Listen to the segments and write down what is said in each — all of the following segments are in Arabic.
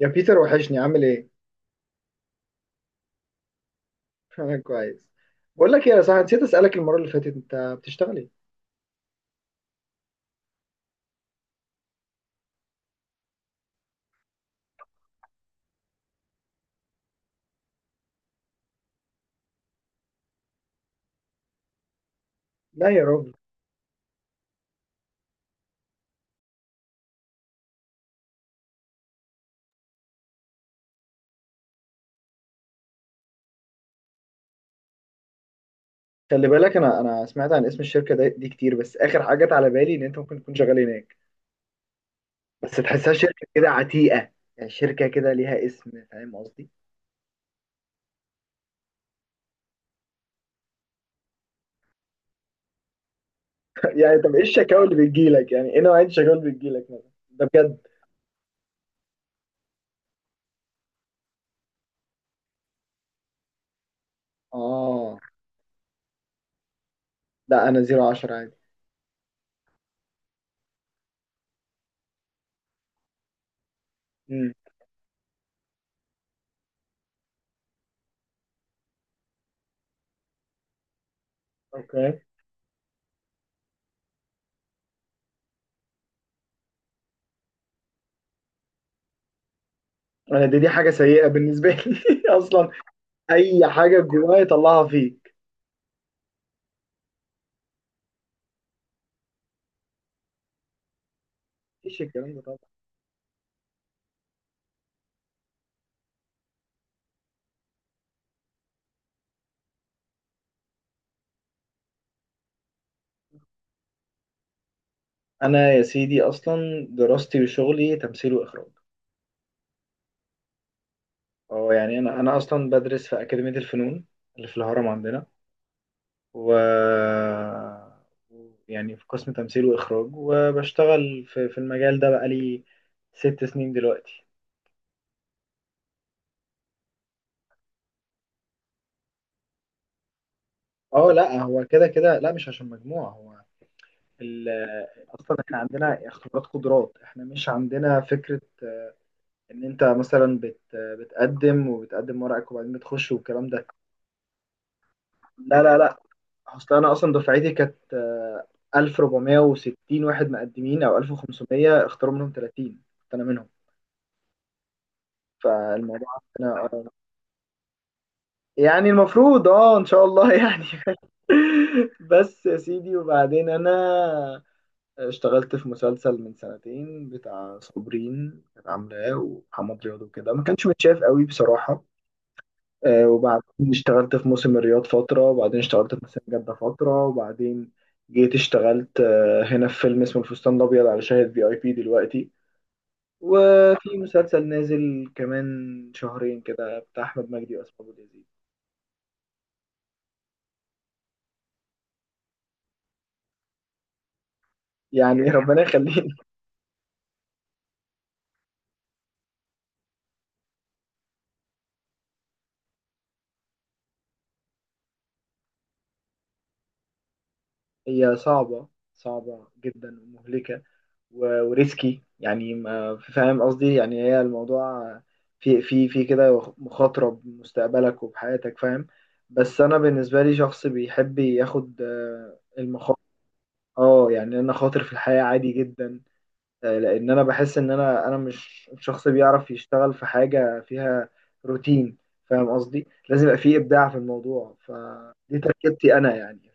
يا بيتر وحشني عامل ايه؟ انا كويس. بقول لك ايه يا صاحبي، نسيت اسالك المره اللي فاتت، انت بتشتغل ايه؟ لا يا راجل. خلي بالك انا سمعت عن اسم الشركه دي كتير، بس اخر حاجه جت على بالي ان انت ممكن تكون شغال هناك. بس تحسها شركه كده عتيقه، يعني شركه كده ليها اسم، فاهم قصدي؟ يعني طب ايه الشكاوى اللي بتجيلك؟ يعني ايه نوعيه الشكاوى اللي بتجيلك مثلا؟ ده بجد. اه. لا، انا زيرو عشرة عادي. امم. اوكي. انا دي حاجه سيئه بالنسبه لي اصلا. اي حاجه جوايا يطلعها فيك. مفيش الكلام ده طبعا. انا يا سيدي اصلا دراستي وشغلي تمثيل واخراج. اه يعني انا اصلا بدرس في اكاديميه الفنون اللي في الهرم عندنا، و يعني في قسم تمثيل واخراج، وبشتغل في المجال ده بقالي 6 سنين دلوقتي. اه لا، هو كده كده لا مش عشان مجموعه، هو ال... اصلا احنا عندنا اختبارات قدرات، احنا مش عندنا فكره ان انت مثلا بتقدم وبتقدم ورقك وبعدين بتخش والكلام ده. لا لا لا. اصل انا اصلا دفعتي كانت 1460 واحد مقدمين او 1500، اختاروا منهم 30، كنت انا منهم. فالموضوع انا يعني المفروض اه ان شاء الله يعني. بس يا سيدي، وبعدين انا اشتغلت في مسلسل من سنتين بتاع صابرين كانت عاملاه ومحمد رياض وكده، ما كانش متشاف قوي بصراحة. وبعدين اشتغلت في موسم الرياض فترة، وبعدين اشتغلت في موسم جدة فترة، وبعدين جيت اشتغلت هنا في فيلم اسمه الفستان الأبيض على شاهد في اي بي دلوقتي، وفي مسلسل نازل كمان شهرين كده بتاع أحمد مجدي وأسماء أبو اليزيد. يعني ربنا يخليني. هي صعبة، صعبة جدا ومهلكة. وريسكي يعني، ما فاهم قصدي؟ يعني هي الموضوع في كده مخاطرة بمستقبلك وبحياتك، فاهم. بس انا بالنسبة لي شخص بيحب ياخد المخاطر. اه يعني انا خاطر في الحياة عادي جدا. لان انا بحس ان انا مش شخص بيعرف يشتغل في حاجة فيها روتين. فاهم قصدي؟ لازم يبقى فيه ابداع في الموضوع، فدي تركيبتي انا يعني.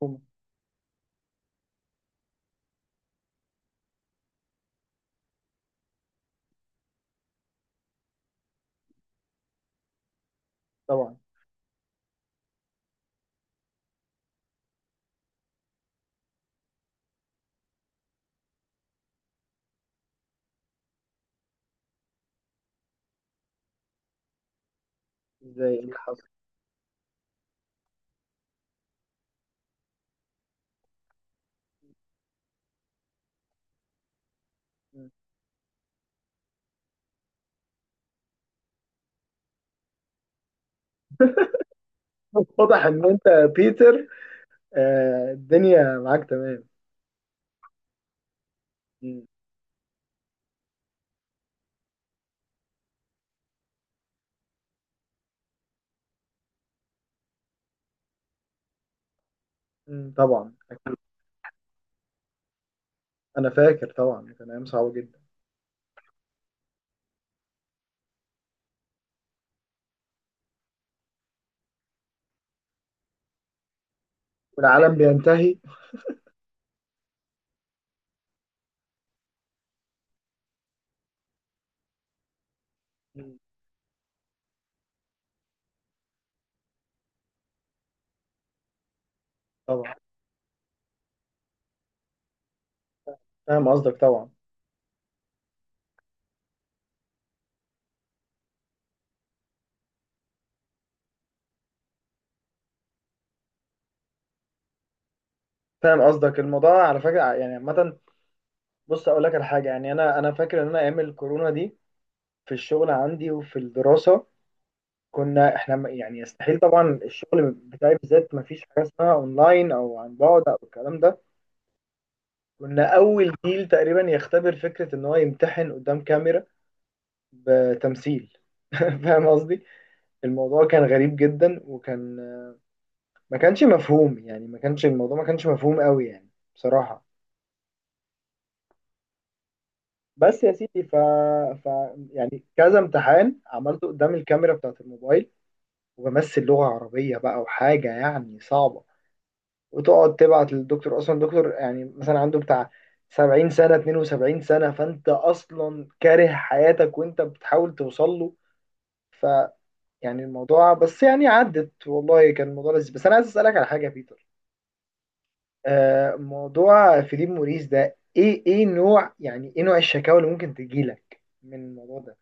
فاهم طبعا. ازاي، إيه اللي حصل؟ واضح ان انت يا بيتر الدنيا معاك تمام. مم. مم، طبعا. انا فاكر طبعا، كان ايام صعبه جدا. والعالم بينتهي. مم، طبعا. فاهم قصدك طبعا. فاهم قصدك، الموضوع على فكره يعني عامه. بص اقول لك على حاجه، يعني انا فاكر ان انا ايام الكورونا دي في الشغل عندي وفي الدراسه، كنا احنا يعني يستحيل، طبعا الشغل بتاعي بالذات ما فيش حاجه اسمها اونلاين او عن بعد او الكلام ده. كنا اول جيل تقريبا يختبر فكره ان هو يمتحن قدام كاميرا بتمثيل. فاهم قصدي. الموضوع كان غريب جدا، وكان ما كانش مفهوم، يعني ما كانش الموضوع ما كانش مفهوم قوي يعني، بصراحة. بس يا سيدي ف يعني كذا امتحان عملته قدام الكاميرا بتاعت الموبايل، وبمثل لغة عربية بقى، وحاجة يعني صعبة، وتقعد تبعت للدكتور، أصلا الدكتور يعني مثلا عنده بتاع 70 سنة، 72 سنة، فأنت أصلا كاره حياتك وأنت بتحاول توصل له. ف يعني الموضوع، بس يعني عدت، والله كان الموضوع لذيذ. بس أنا عايز أسألك على حاجة يا بيتر. موضوع فيليب موريس ده ايه، ايه نوع، يعني ايه نوع الشكاوى اللي ممكن تجيلك من الموضوع ده؟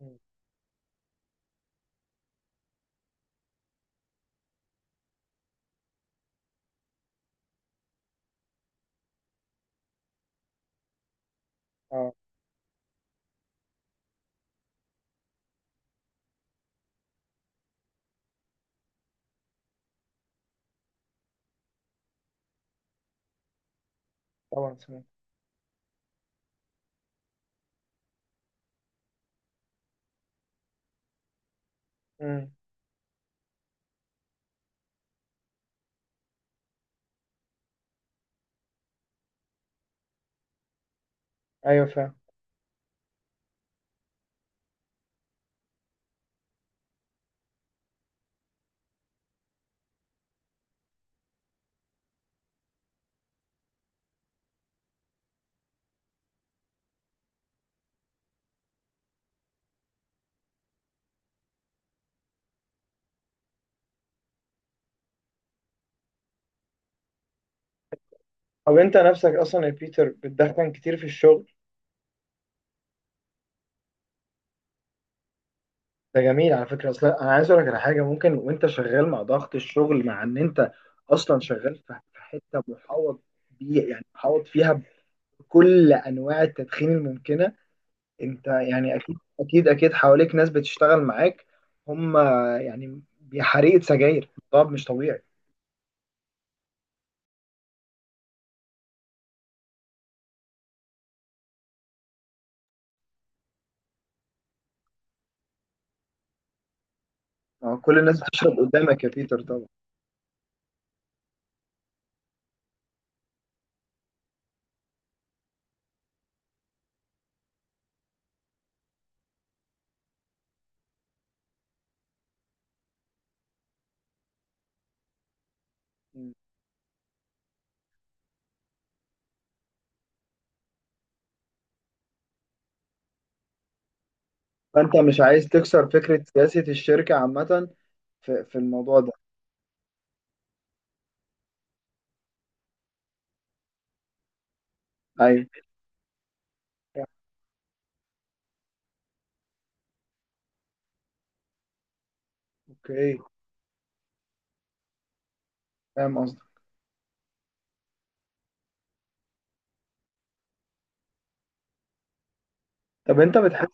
مم. اه طبعا سمعت. مم. ايوه فاهم. طب انت نفسك اصلا يا بيتر بتدخن كتير في الشغل؟ ده جميل على فكره. اصلا انا عايز اقول لك على حاجه، ممكن وانت شغال مع ضغط الشغل، مع ان انت اصلا شغال في حته محوط بيه، يعني محوط فيها بكل انواع التدخين الممكنه. انت يعني اكيد اكيد اكيد حواليك ناس بتشتغل معاك. هم يعني حريقة سجاير، طب مش طبيعي. ما هو كل الناس بتشرب قدامك يا بيتر طبعا. مم. فانت مش عايز تكسر فكرة سياسة الشركة عامة في الموضوع ده. ايوه. اوكي. فاهم قصدك. طب انت بتحس،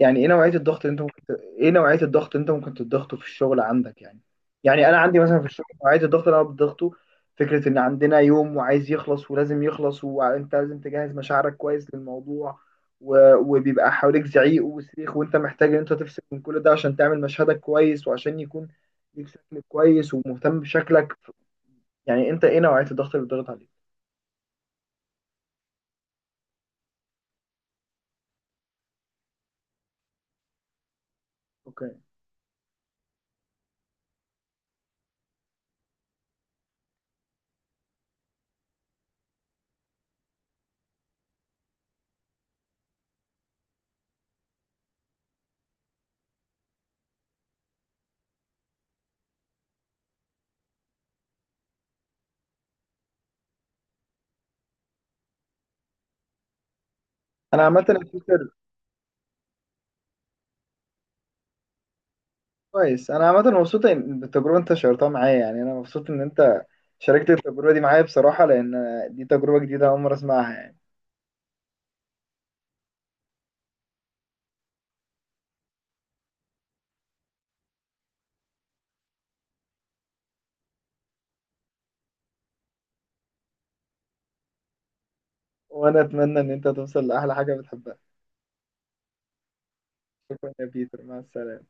يعني ايه نوعية الضغط اللي انت ممكن ايه نوعية الضغط اللي انت ممكن تضغطه في الشغل عندك يعني؟ يعني انا عندي مثلا في الشغل نوعية الضغط اللي انا بضغطه فكرة ان عندنا يوم وعايز يخلص ولازم يخلص، وانت لازم تجهز مشاعرك كويس للموضوع، وبيبقى حواليك زعيق وصريخ، وانت محتاج ان انت تفصل من كل ده عشان تعمل مشهدك كويس، وعشان يكون ليك شكل كويس ومهتم بشكلك. يعني انت ايه نوعية الضغط اللي بتضغط عليك؟ اوكي. انا عامة الفكرة. كويس. انا عامه مبسوط بالتجربه انت شاركتها معايا، يعني انا مبسوط ان انت شاركت التجربه دي معايا بصراحه، لان دي تجربه جديده اول مره اسمعها يعني. وانا اتمنى ان انت توصل لاحلى حاجه بتحبها. شكرا يا بيتر، مع السلامه.